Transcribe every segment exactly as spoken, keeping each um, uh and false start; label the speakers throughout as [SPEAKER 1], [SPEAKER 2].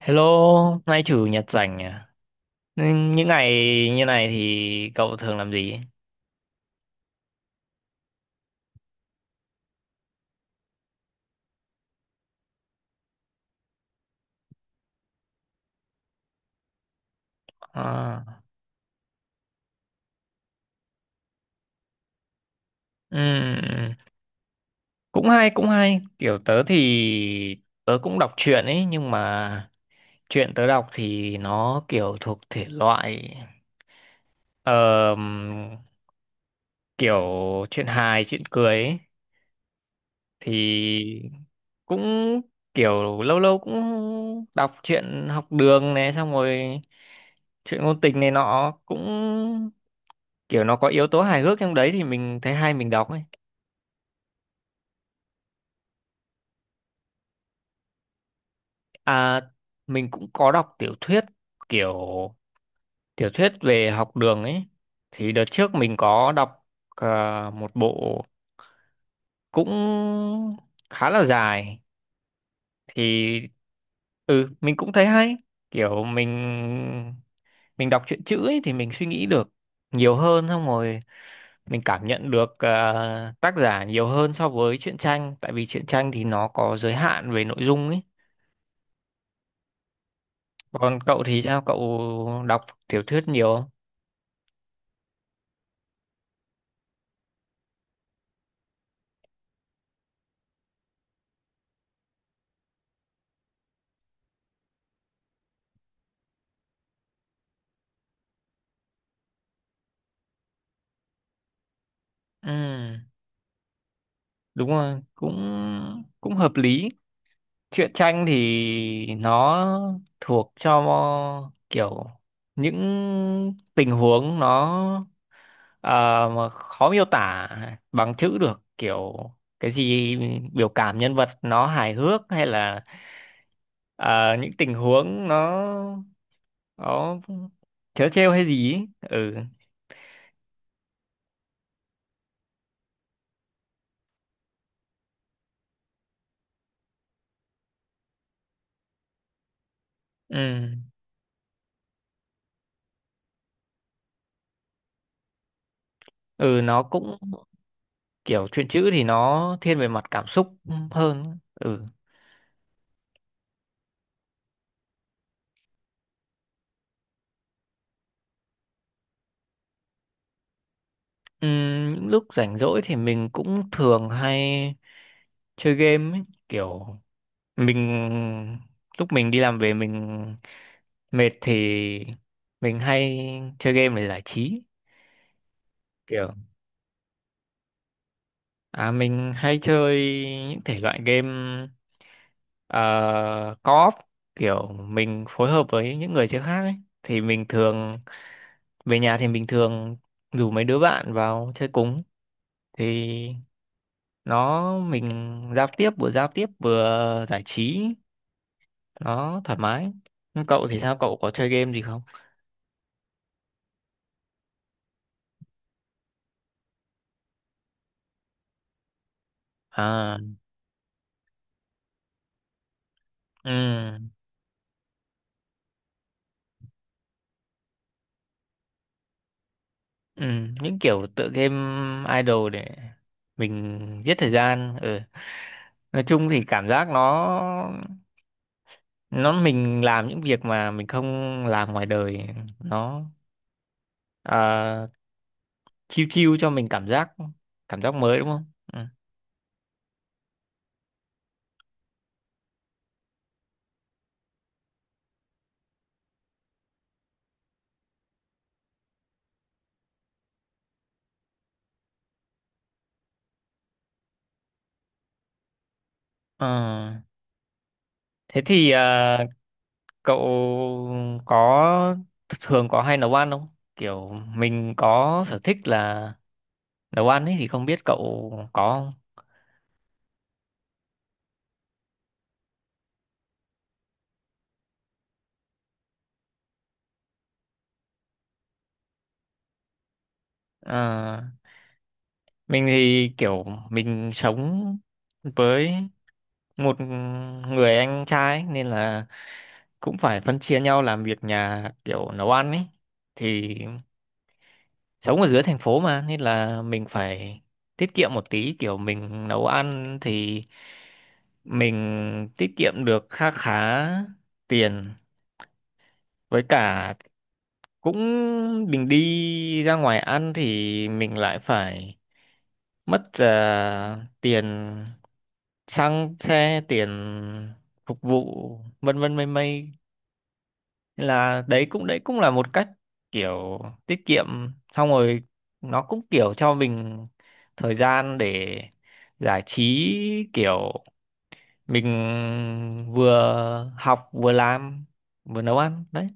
[SPEAKER 1] Hello, nay chủ nhật rảnh à? Ừ, những ngày như này thì cậu thường làm gì? À, ừm, cũng hay, cũng hay. Kiểu tớ thì Tớ cũng đọc truyện ấy, nhưng mà truyện tớ đọc thì nó kiểu thuộc thể loại ờm, kiểu chuyện hài, chuyện cười ấy. Thì cũng kiểu lâu lâu cũng đọc truyện học đường này, xong rồi chuyện ngôn tình này nọ cũng kiểu nó có yếu tố hài hước trong đấy thì mình thấy hay mình đọc ấy. À, mình cũng có đọc tiểu thuyết, kiểu tiểu thuyết về học đường ấy. Thì đợt trước mình có đọc ờ, một bộ cũng khá là dài thì ừ mình cũng thấy hay. Kiểu mình mình đọc truyện chữ ấy thì mình suy nghĩ được nhiều hơn, xong rồi mình cảm nhận được ờ, tác giả nhiều hơn so với truyện tranh, tại vì truyện tranh thì nó có giới hạn về nội dung ấy. Còn cậu thì sao? Cậu đọc tiểu thuyết nhiều không? Ừ, đúng rồi, cũng cũng hợp lý. Truyện tranh thì nó thuộc cho kiểu những tình huống nó ờ, mà khó miêu tả bằng chữ được, kiểu cái gì biểu cảm nhân vật nó hài hước hay là ờ, những tình huống nó nó trớ trêu hay gì ấy. Ừ, ừ, ừ, nó cũng kiểu truyện chữ thì nó thiên về mặt cảm xúc hơn, ừ. Ừm, những lúc rảnh rỗi thì mình cũng thường hay chơi game ấy. Kiểu mình lúc mình đi làm về mình mệt thì mình hay chơi game để giải trí. Kiểu à, mình hay chơi những thể loại game uh, co-op, kiểu mình phối hợp với những người chơi khác ấy. Thì mình thường về nhà thì mình thường rủ mấy đứa bạn vào chơi cùng, thì nó mình giao tiếp, vừa giao tiếp vừa giải trí nó thoải mái. Nhưng cậu thì sao, cậu có chơi game gì không? À, ừ, ừ, những kiểu tựa game idol để mình giết thời gian, ừ. Nói chung thì cảm giác nó nó mình làm những việc mà mình không làm ngoài đời, nó à, chill chill cho mình cảm giác, cảm giác mới đúng không, ừ. Ờ, thế thì ờ, cậu có thường có hay nấu ăn không? Kiểu mình có sở thích là nấu ăn ấy thì không biết cậu có không? À, mình thì kiểu mình sống với một người anh trai ấy, nên là cũng phải phân chia nhau làm việc nhà kiểu nấu ăn ấy. Thì sống ở dưới thành phố mà nên là mình phải tiết kiệm một tí, kiểu mình nấu ăn thì mình tiết kiệm được kha khá tiền. Với cả cũng mình đi ra ngoài ăn thì mình lại phải mất à, tiền xăng xe, tiền phục vụ vân vân mây mây. Nên là đấy cũng đấy cũng là một cách kiểu tiết kiệm, xong rồi nó cũng kiểu cho mình thời gian để giải trí, kiểu mình vừa học vừa làm vừa nấu ăn đấy,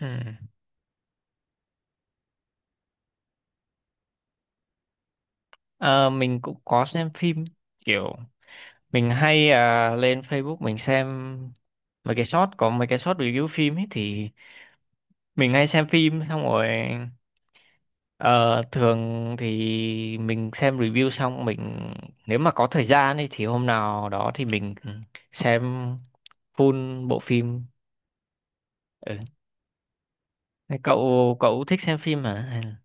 [SPEAKER 1] ừ. Ờ, mình cũng có xem phim, kiểu mình hay à, lên Facebook mình xem mấy cái short, có mấy cái short review phim ấy, thì mình hay xem phim xong rồi. Ờ, thường thì mình xem review xong mình nếu mà có thời gian ấy, thì hôm nào đó thì mình xem full bộ phim. Ừ. Thế Cậu cậu thích xem phim hả? Hay là-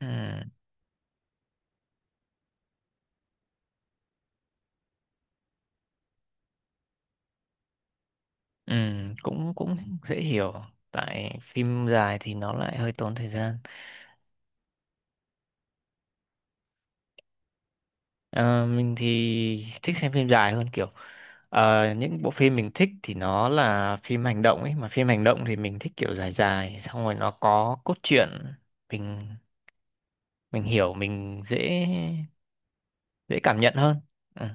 [SPEAKER 1] ừ. Ừ, cũng cũng dễ hiểu. Tại phim dài thì nó lại hơi tốn thời gian. Ờ, mình thì thích xem phim dài hơn, kiểu ờ, những bộ phim mình thích thì nó là phim hành động ấy, mà phim hành động thì mình thích kiểu dài dài, xong rồi nó có cốt truyện mình mình hiểu, mình dễ dễ cảm nhận hơn, ừ.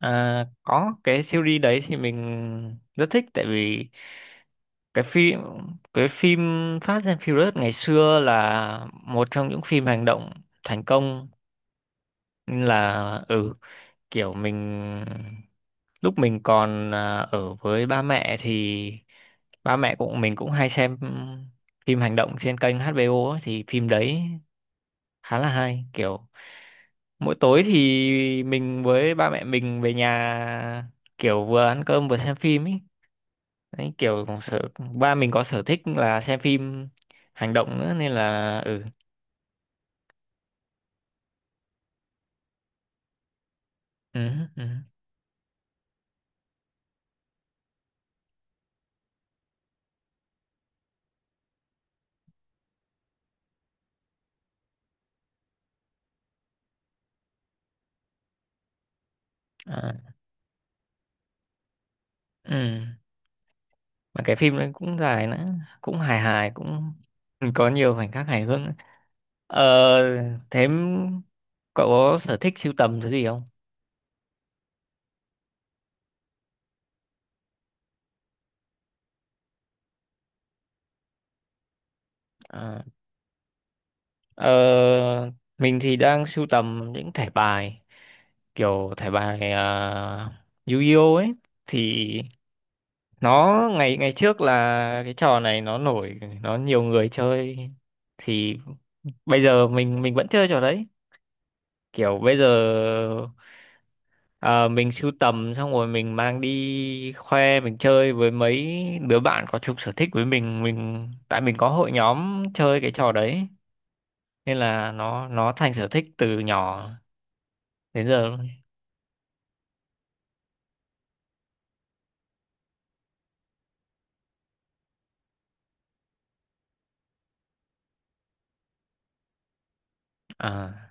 [SPEAKER 1] À, có cái series đấy thì mình rất thích, tại vì cái phim cái phim Fast and Furious ngày xưa là một trong những phim hành động thành công, nên là ừ kiểu mình lúc mình còn à, ở với ba mẹ thì ba mẹ cũng mình cũng hay xem phim hành động trên kênh hát bê o ấy, thì phim đấy khá là hay, kiểu mỗi tối thì mình với ba mẹ mình về nhà kiểu vừa ăn cơm vừa xem phim ấy. Đấy kiểu cũng sở ba mình có sở thích là xem phim hành động nữa nên là ừ, ừ, ừ, à, ừ. Mà cái phim đấy cũng dài nữa, cũng hài hài cũng có nhiều khoảnh khắc hài hước nữa. Ờ, thế cậu có sở thích sưu tầm thứ gì không? À. Ờ, mình thì đang sưu tầm những thẻ bài, kiểu thẻ bài uh, Yu-Gi-Oh ấy. Thì nó ngày ngày trước là cái trò này nó nổi, nó nhiều người chơi. Thì bây giờ mình mình vẫn chơi trò đấy, kiểu bây giờ ờ, mình sưu tầm xong rồi mình mang đi khoe, mình chơi với mấy đứa bạn có chung sở thích với mình, mình tại mình có hội nhóm chơi cái trò đấy, nên là nó nó thành sở thích từ nhỏ đến giờ luôn. À,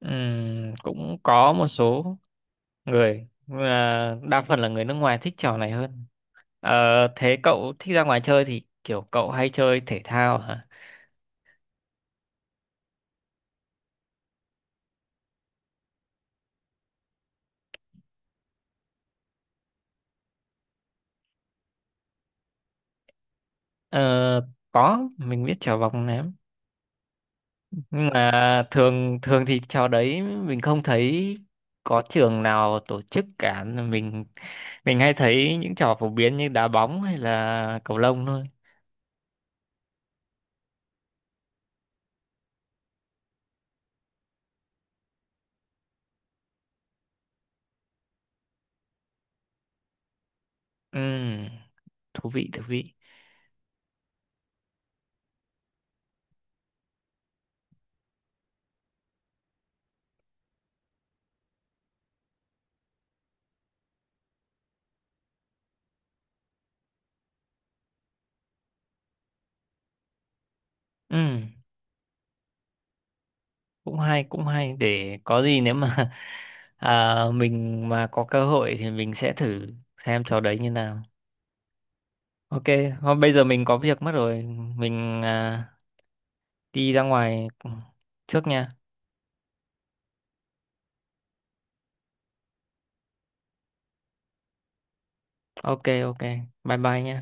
[SPEAKER 1] ừm, cũng có một số người nhưng mà đa phần là người nước ngoài thích trò này hơn. Ờ, thế cậu thích ra ngoài chơi thì kiểu cậu hay chơi thể thao hả? Ờ, có mình biết trò vòng ném, nhưng mà thường thường thì trò đấy mình không thấy có trường nào tổ chức cả. Mình mình hay thấy những trò phổ biến như đá bóng hay là cầu lông thôi. Ừm, thú vị thú vị. Ừ, cũng hay cũng hay, để có gì nếu mà à, mình mà có cơ hội thì mình sẽ thử xem trò đấy như nào. Ok, hôm bây giờ mình có việc mất rồi, mình à, đi ra ngoài trước nha. Ok ok, bye bye nha.